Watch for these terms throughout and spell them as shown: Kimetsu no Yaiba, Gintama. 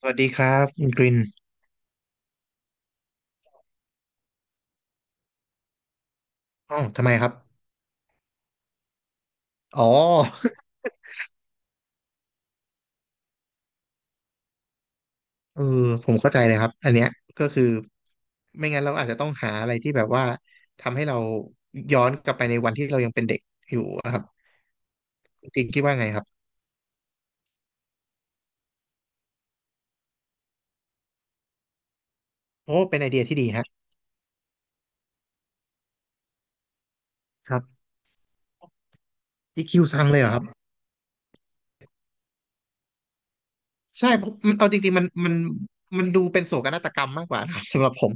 สวัสดีครับคุณกรินอ๋อทำไมครับอ๋อ เออผมเข้าใจเลยครับอันเนี้ยก็คือไม่งั้นเราอาจจะต้องหาอะไรที่แบบว่าทำให้เราย้อนกลับไปในวันที่เรายังเป็นเด็กอยู่อะครับคุณกรินคิดว่าไงครับโอ้เป็นไอเดียที่ดีฮะครับอีคิวซังเลยเหรอครับใช่เพราะมันเอาจริงๆมันดูเป็นโศกนาฏกรรมมากกว่านะครับสำหรับผม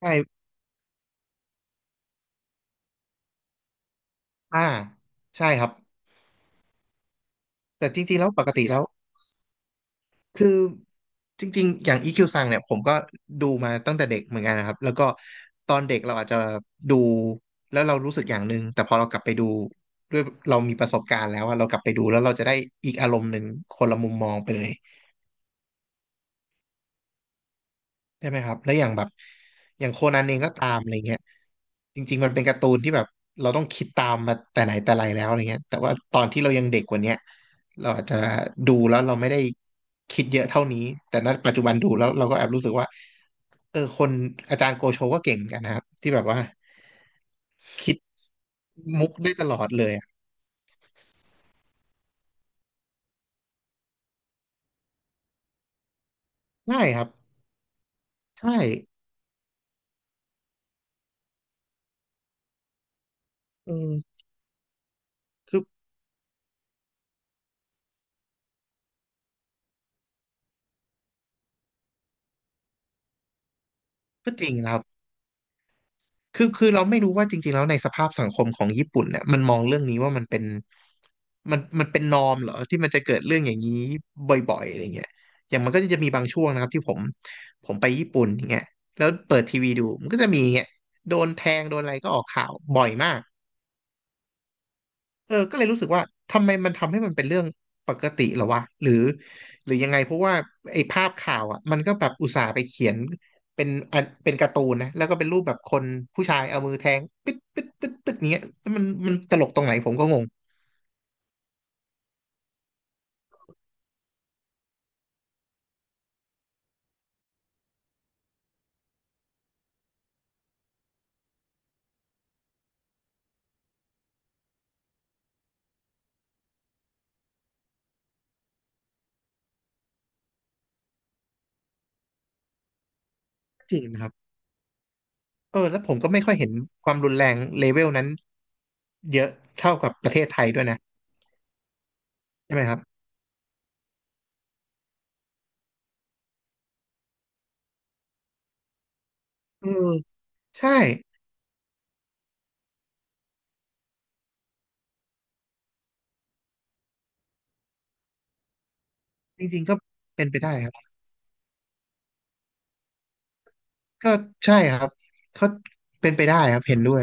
ใช่อ่าใช่ครับ แต่จริงๆแล้วปกติแล้ว คือจริงๆอย่าง EQ ซังเนี่ยผมก็ดูมาตั้งแต่เด็กเหมือนกันนะครับแล้วก็ตอนเด็กเราอาจจะดูแล้วเรารู้สึกอย่างหนึ่งแต่พอเรากลับไปดูด้วยเรามีประสบการณ์แล้วว่าเรากลับไปดูแล้วเราจะได้อีกอารมณ์หนึ่งคนละมุมมองไปเลยได้ไหมครับแล้วอย่างแบบอย่างโคนันเองก็ตามอะไรเงี้ยจริงๆมันเป็นการ์ตูนที่แบบเราต้องคิดตามมาแต่ไหนแต่ไรแล้วอะไรเงี้ยแต่ว่าตอนที่เรายังเด็กกว่าเนี้ยเราอาจจะดูแล้วเราไม่ได้คิดเยอะเท่านี้แต่ณปัจจุบันดูแล้วเราก็แอบรู้สึกว่า เออคนอาจารย์โกโชก็เก่งเหมือนกันนะครับที่แบบว่าคิดมุกได้ตลอดเลยอะใช่ครับใช่เออคือก็จริงนะครับคือเราไม่รู้ว่าจริงๆแล้วในสภาพสังคมของญี่ปุ่นเนี่ยมันมองเรื่องนี้ว่ามันเป็นมันเป็นนอร์มเหรอที่มันจะเกิดเรื่องอย่างนี้บ่อยๆอะไรเงี้ยอย่างมันก็จะมีบางช่วงนะครับที่ผมไปญี่ปุ่นอย่างเงี้ยแล้วเปิดทีวีดูมันก็จะมีเงี้ยโดนแทงโดนอะไรก็ออกข่าวบ่อยมาก เออก็เลยรู้สึกว่าทำไมมันทำให้มันเป็นเรื่องปกติเหรอวะหรือหรือยังไงเพราะว่าไอ้ภาพข่าวอ่ะมันก็แบบอุตส่าห์ไปเขียนเป็นอันเป็นการ์ตูนนะแล้วก็เป็นรูปแบบคนผู้ชายเอามือแทงปึ๊ดปึ๊ดปึ๊ดปึ๊ดอย่างเงี้ยแล้วมันมันตลกตรงไหนผมก็งงจริงนะครับเออแล้วผมก็ไม่ค่อยเห็นความรุนแรงเลเวลนั้นเยอะเท่ากับประเทศไทยด้วยนะใช่ไหมครับเออใช่จริงๆก็เป็นไปได้ครับก็ใช่ครับเขาเป็นไปได้ครับเห็นด้วย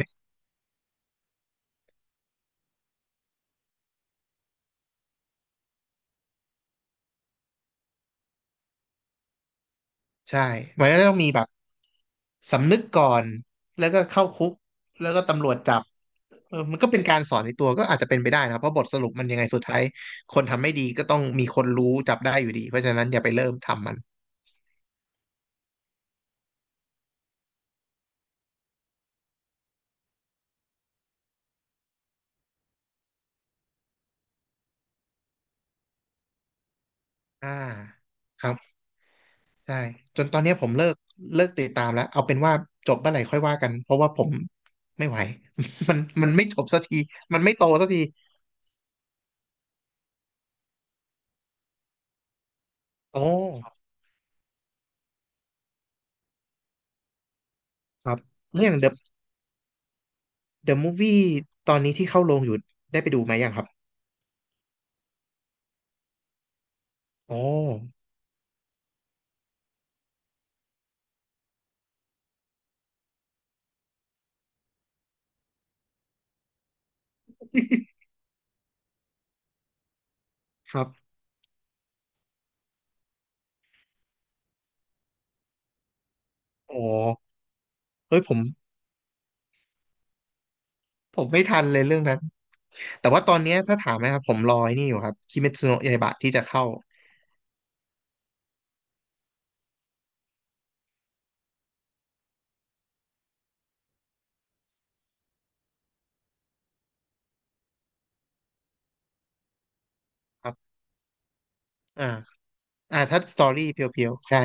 ใช่มันก็ต้องมีแบบสำนึกก่อนแล้วก็เข้าคุกแล้วก็ตำรวจจับเออมันก็เป็นการสอนในตัวก็อาจจะเป็นไปได้นะครับเพราะบทสรุปมันยังไงสุดท้ายคนทำไม่ดีก็ต้องมีคนรู้จับได้อยู่ดีเพราะฉะนั้นอย่าไปเริ่มทำมันอ่าครับใช่จนตอนนี้ผมเลิกติดตามแล้วเอาเป็นว่าจบเมื่อไหร่ค่อยว่ากันเพราะว่าผมไม่ไหว มันมันไม่จบสักทีมันไม่โตสักทีโอ้ครับเรื่อง The Movie ตอนนี้ที่เข้าโรงอยู่ได้ไปดูไหมยังครับ อ๋อครับอ๋อเฮ้ยผมไม่ทันเลยเรื่องนั้นแต่ว่าตอนเนี้ยถ้าถามนะครับผมรอไอ้นี่อยู่ครับคิเมทสึโนะยาอิบะที่จะเข้าครับอ่าอ่าถ้าสตอรี่เพียวๆใช่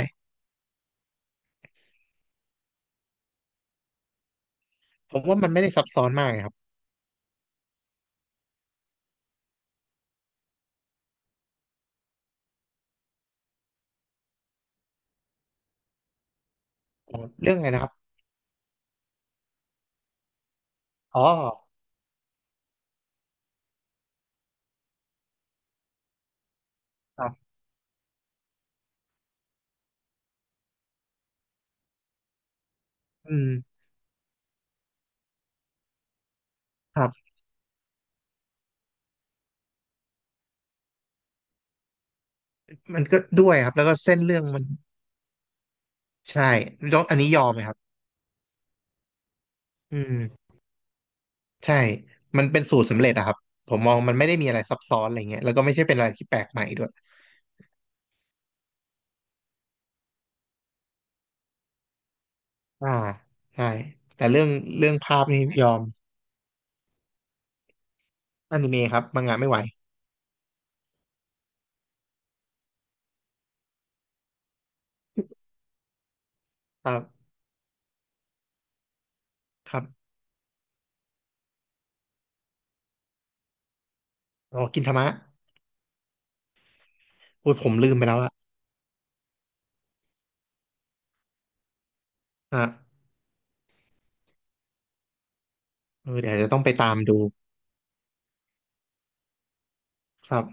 ผมว่ามันไม่ได้ซับซ้อนมากครับอ๋อเรื่องอะไรนะครับอ๋อครับอืมครับมันก็ด้วยครับแล้วก็เส้นเรื่องมันใช่ต้องอันนี้ยอมไหมครับอืมใช่มันเป็นสูตรสำเร็จอะครับผมมองมันไม่ได้มีอะไรซับซ้อนอะไรเงี้ยแล้วก็ไม่ใช่เป็นอะไรที่แปลกใหม่ด้วยอ่าใช่ แต่เรื่องภาพนี่ยอม อนิเมะครับมังงะไม่ไหวครับครับอ๋อกินทามะโอ้ยผมลืมไปแล้วอะอ่ะเออเดี๋ยวจะต้องไปตามดูครับ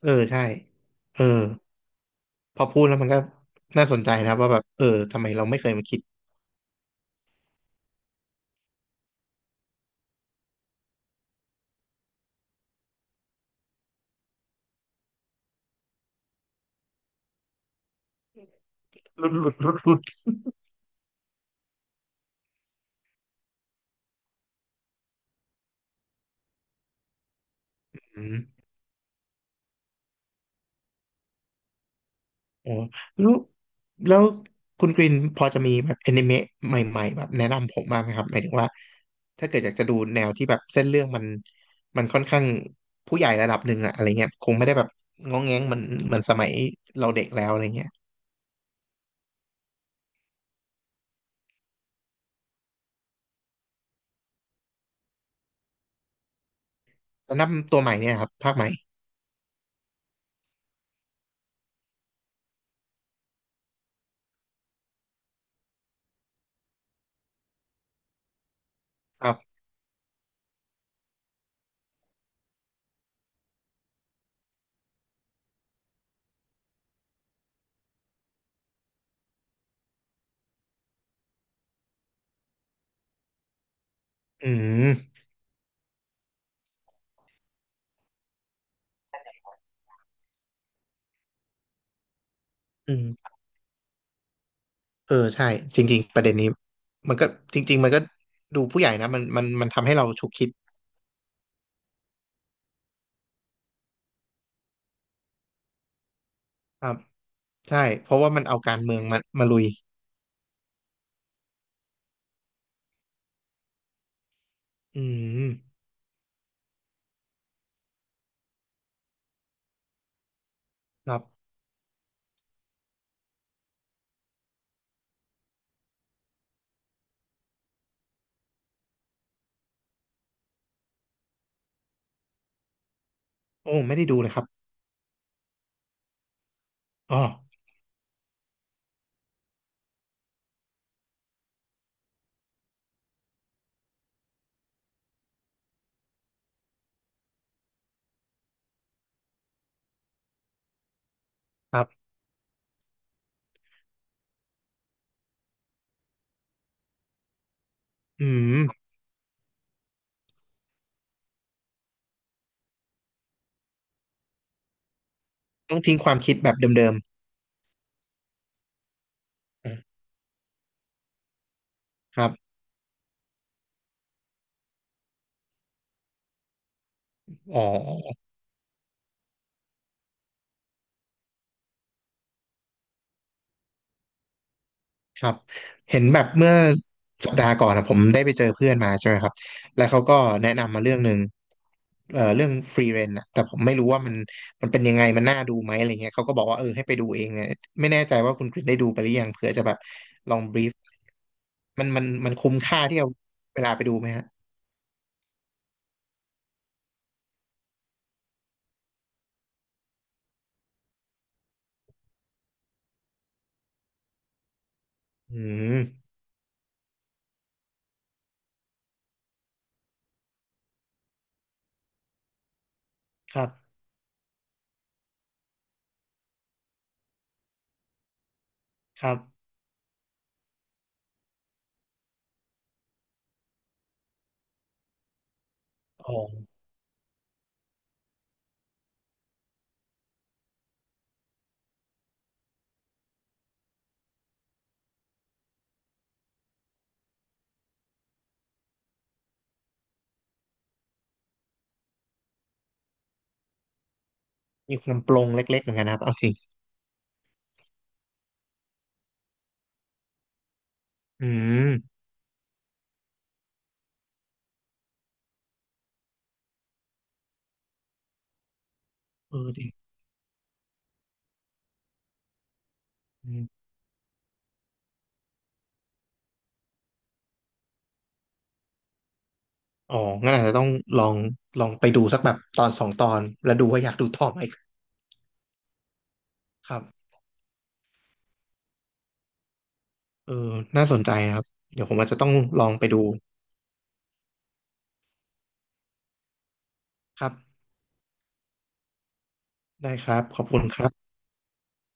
เออใช่เออพอพูดแล้วมันก็น่าสนใจนะว่าแบบเออทำไมเราไม่เคยมาคิดหลุดอืม โอ้แล้วแล้วคุณกรินพอจะมีแบบอนิเมะใหม่ๆแบบแนะนำผมบ้างไหมครับหมายถึงว่าถ้าเกิดอยากจะดูแนวที่แบบเส้นเรื่องมันมันค่อนข้างผู้ใหญ่ระดับหนึ่งอะอะไรเงี้ยคงไม่ได้แบบง้องแง้งเหมันเหมันสมัยเราเด็กแล้วอะไรเงี้ยแล้วนับตัวใหม่เนี่ยครับภาคใหม่ครับอืมอืมเออใช่จริงๆประเด็นนี้มันก็จริงๆมันก็ดูผู้ใหญ่นะมันทำให้เราฉุกคิดครับใช่เพราะว่ามันเอาการเมืองมามาลุยอืมครับ โอ้ไม่ได้ดูเลยครับอ๋อครับอืมต้องทิ้งความคิดแบบเดิมๆอ่ะครับอ๋อครับเห็นแบบเมื่อสัปดาห์ก่อนนะผมได้ไปเจอเพื่อนมาใช่ไหมครับแล้วเขาก็แนะนำมาเรื่องหนึ่งเรื่องฟรีเรนอะแต่ผมไม่รู้ว่ามันมันเป็นยังไงมันน่าดูไหมอะไรเงี้ยเขาก็บอกว่าเออให้ไปดูเองเนี่ยไม่แน่ใจว่าคุณกริชได้ดูไปหรือยังเผื่อจะแบบลองบรีฟมันคุ้มค่าที่เอาเวลาไปดูไหมฮะอืมครับครับอ๋อ มีความปลงเล็กๆเหมือนกันนะครับเอาจิอืมเออดิอมอ๋อ งั้นอาจจะต้องลองลองไปดูสักแบบตอนสองตอนแล้วดูว่าอยากดูต่อไหมครับเออน่าสนใจนะครับ เดี๋ยวผมอาจจะต้องลองไปดูครับได้ครับ ขอบคุณครับ